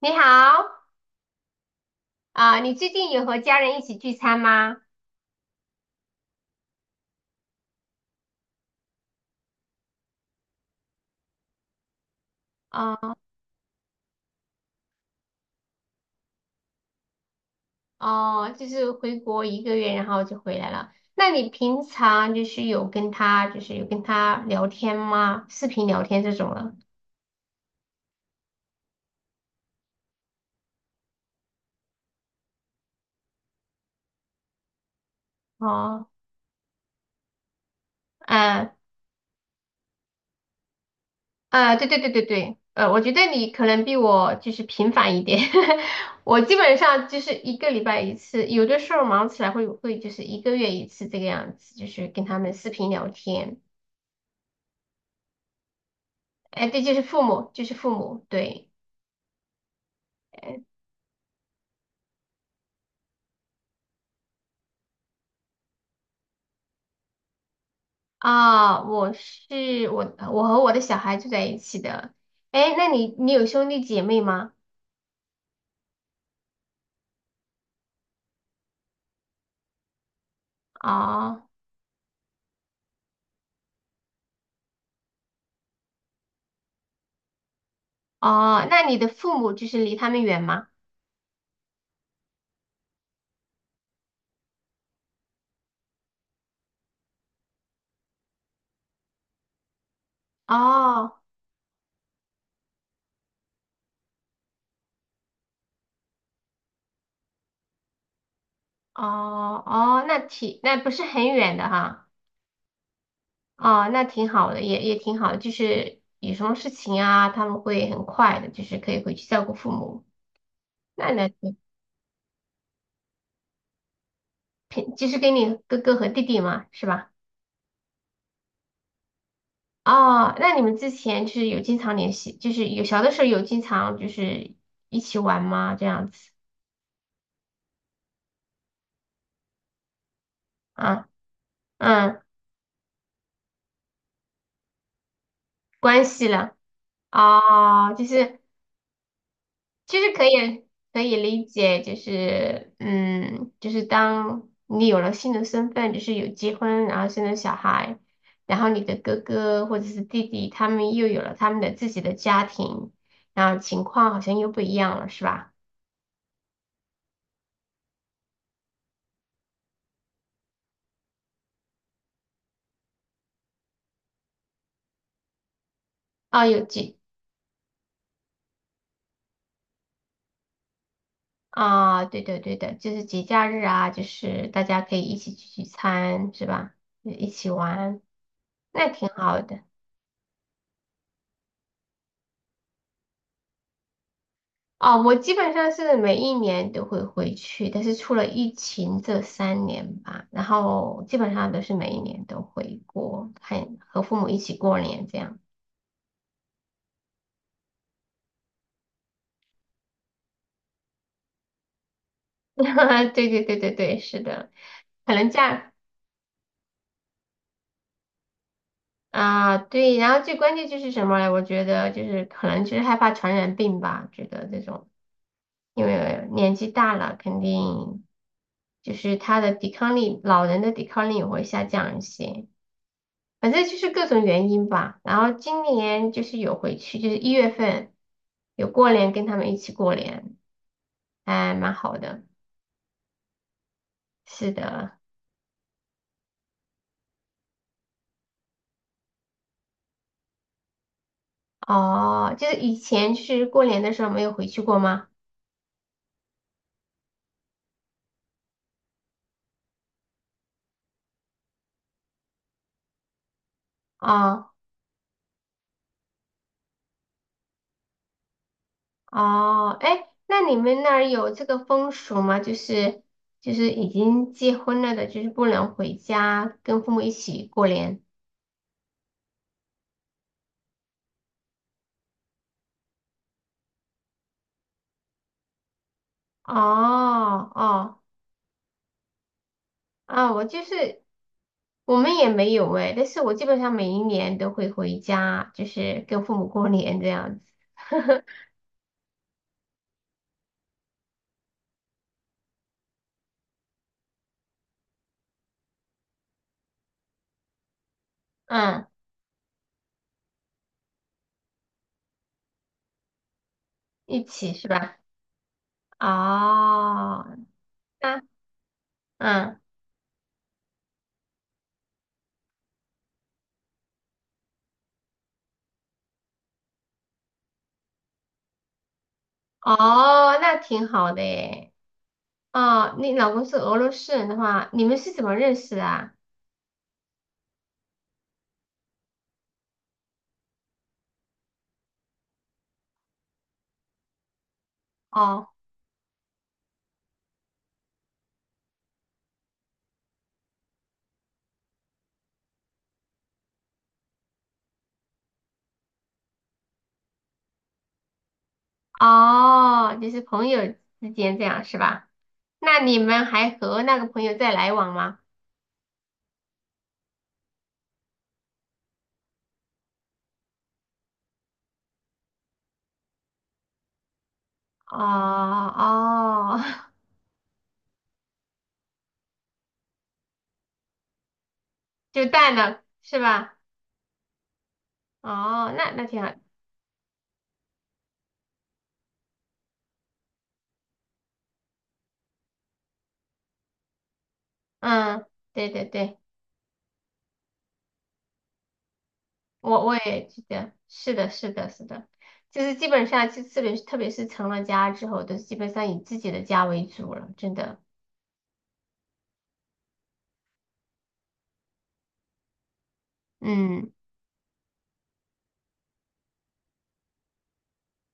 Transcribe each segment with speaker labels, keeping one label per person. Speaker 1: 你好，啊、你最近有和家人一起聚餐吗？哦、哦，就是回国一个月，然后就回来了。那你平常就是有跟他聊天吗？视频聊天这种了？哦，嗯，对对对对对，我觉得你可能比我就是频繁一点，我基本上就是一个礼拜一次，有的时候忙起来会就是一个月一次这个样子，就是跟他们视频聊天。哎，对，就是父母，对。啊，我和我的小孩住在一起的。哎，那你有兄弟姐妹吗？哦哦，那你的父母就是离他们远吗？哦哦哦，那挺那不是很远的哈。哦，那挺好的，也挺好的就是有什么事情啊，他们会很快的，就是可以回去照顾父母。那那平就是给你哥哥和弟弟嘛，是吧？哦，那你们之前就是有经常联系，就是有小的时候有经常就是一起玩吗？这样子啊，嗯，关系了，哦，就是其实可以理解，就是嗯，就是当你有了新的身份，就是有结婚，然后生了小孩，然后你的哥哥或者是弟弟，他们又有了他们的自己的家庭，然后情况好像又不一样了，是吧？哦，有几啊，对的对的，就是节假日啊，就是大家可以一起聚聚餐，是吧？一起玩，那挺好的。哦，我基本上是每一年都会回去，但是出了疫情这三年吧，然后基本上都是每一年都回国，看和父母一起过年这样。对对对对对，是的，可能这样啊，对，然后最关键就是什么呢？我觉得就是可能就是害怕传染病吧，觉得这种。因为年纪大了，肯定就是他的抵抗力，老人的抵抗力也会下降一些。反正就是各种原因吧。然后今年就是有回去，就是一月份有过年，跟他们一起过年，还蛮好的。是的，哦，就是以前就是过年的时候没有回去过吗？哦哦，哎，那你们那儿有这个风俗吗？就是就是已经结婚了的，就是不能回家跟父母一起过年。哦哦啊，我就是我们也没有哎，但是我基本上每一年都会回家，就是跟父母过年这样子，嗯，一起是吧？哦，那嗯哦，那挺好的诶。哦，你老公是俄罗斯人的话，你们是怎么认识的啊？哦哦，就是朋友之间这样是吧？那你们还和那个朋友在来往吗？哦哦，就淡了，是吧？哦，那那挺好。嗯，对对对，我也记得，是的，是的，是的，就是基本上，就特别是成了家之后，都是基本上以自己的家为主了，真的。嗯，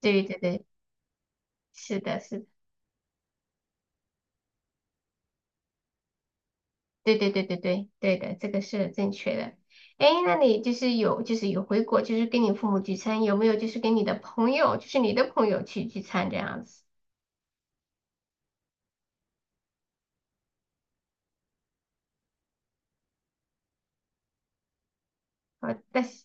Speaker 1: 对对对，是的，是的对对对对对对的，这个是正确的。哎，那你就是有回国，就是跟你父母聚餐，有没有就是跟你的朋友，就是你的朋友去聚餐这样子？啊，但是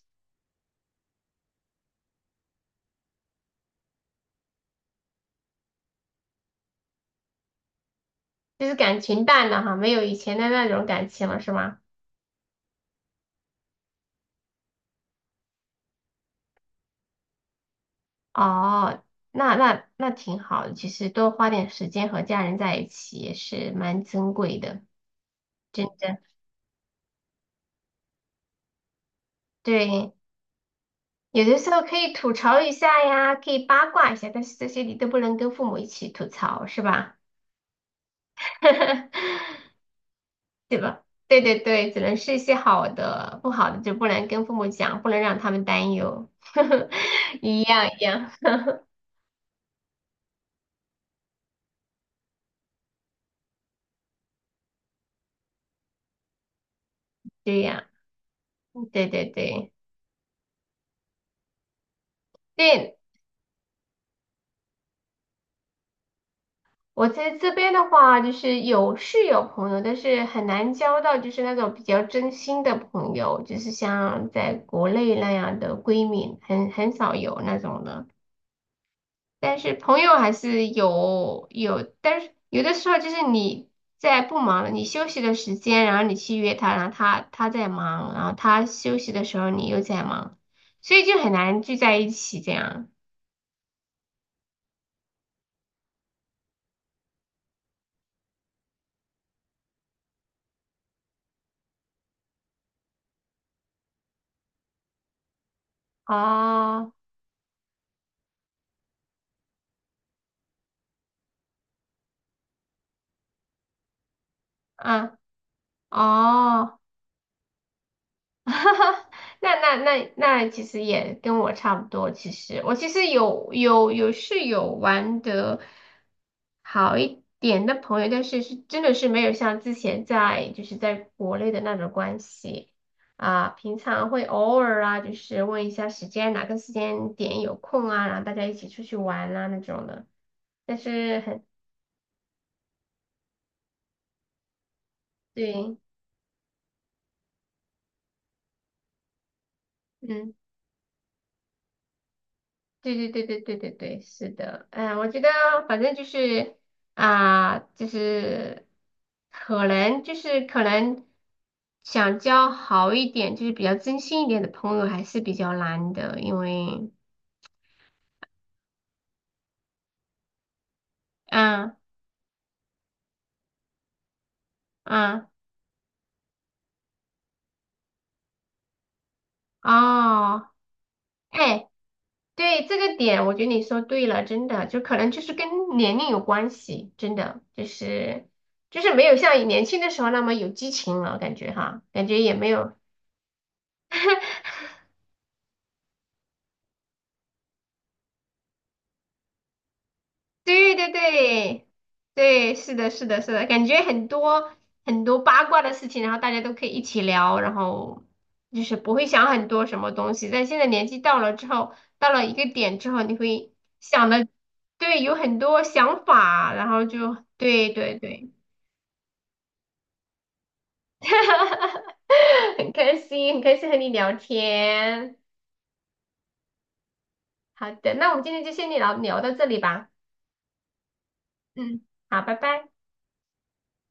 Speaker 1: 就是感情淡了哈，没有以前的那种感情了，是吗？哦，那那那挺好的，其实多花点时间和家人在一起也是蛮珍贵的，真的。对，有的时候可以吐槽一下呀，可以八卦一下，但是这些你都不能跟父母一起吐槽，是吧？对对对，只能是一些好的，不好的就不能跟父母讲，不能让他们担忧。一样一样，对呀，对对对对，我在这边的话，就是有朋友，但是很难交到就是那种比较真心的朋友，就是像在国内那样的闺蜜，很少有那种的。但是朋友还是有，但是有的时候就是你在不忙，你休息的时间，然后你去约他，然后他在忙，然后他休息的时候你又在忙，所以就很难聚在一起这样。哦，啊，哦。哈哈，那那那那其实也跟我差不多。其实我其实有玩的好一点的朋友，但是真的是没有像之前在就是在国内的那种关系啊。平常会偶尔啊，就是问一下时间，哪个时间点有空啊，然后大家一起出去玩啊那种的。但是很对，嗯。对对对对对对对，是的，嗯，我觉得反正就是啊、就是可能想交好一点，就是比较真心一点的朋友还是比较难的，因为嗯嗯哦，哎，对这个点，我觉得你说对了，真的，就可能就是跟年龄有关系，真的就是就是没有像年轻的时候那么有激情了，感觉哈，感觉也没有。对对对对，是的，是的，是的，感觉很多八卦的事情，然后大家都可以一起聊，然后就是不会想很多什么东西。但现在年纪到了之后，到了一个点之后，你会想的，对，有很多想法，然后就对对对，很开心，很开心和你聊天。好的，那我们今天就先聊聊到这里吧。嗯，好，拜拜。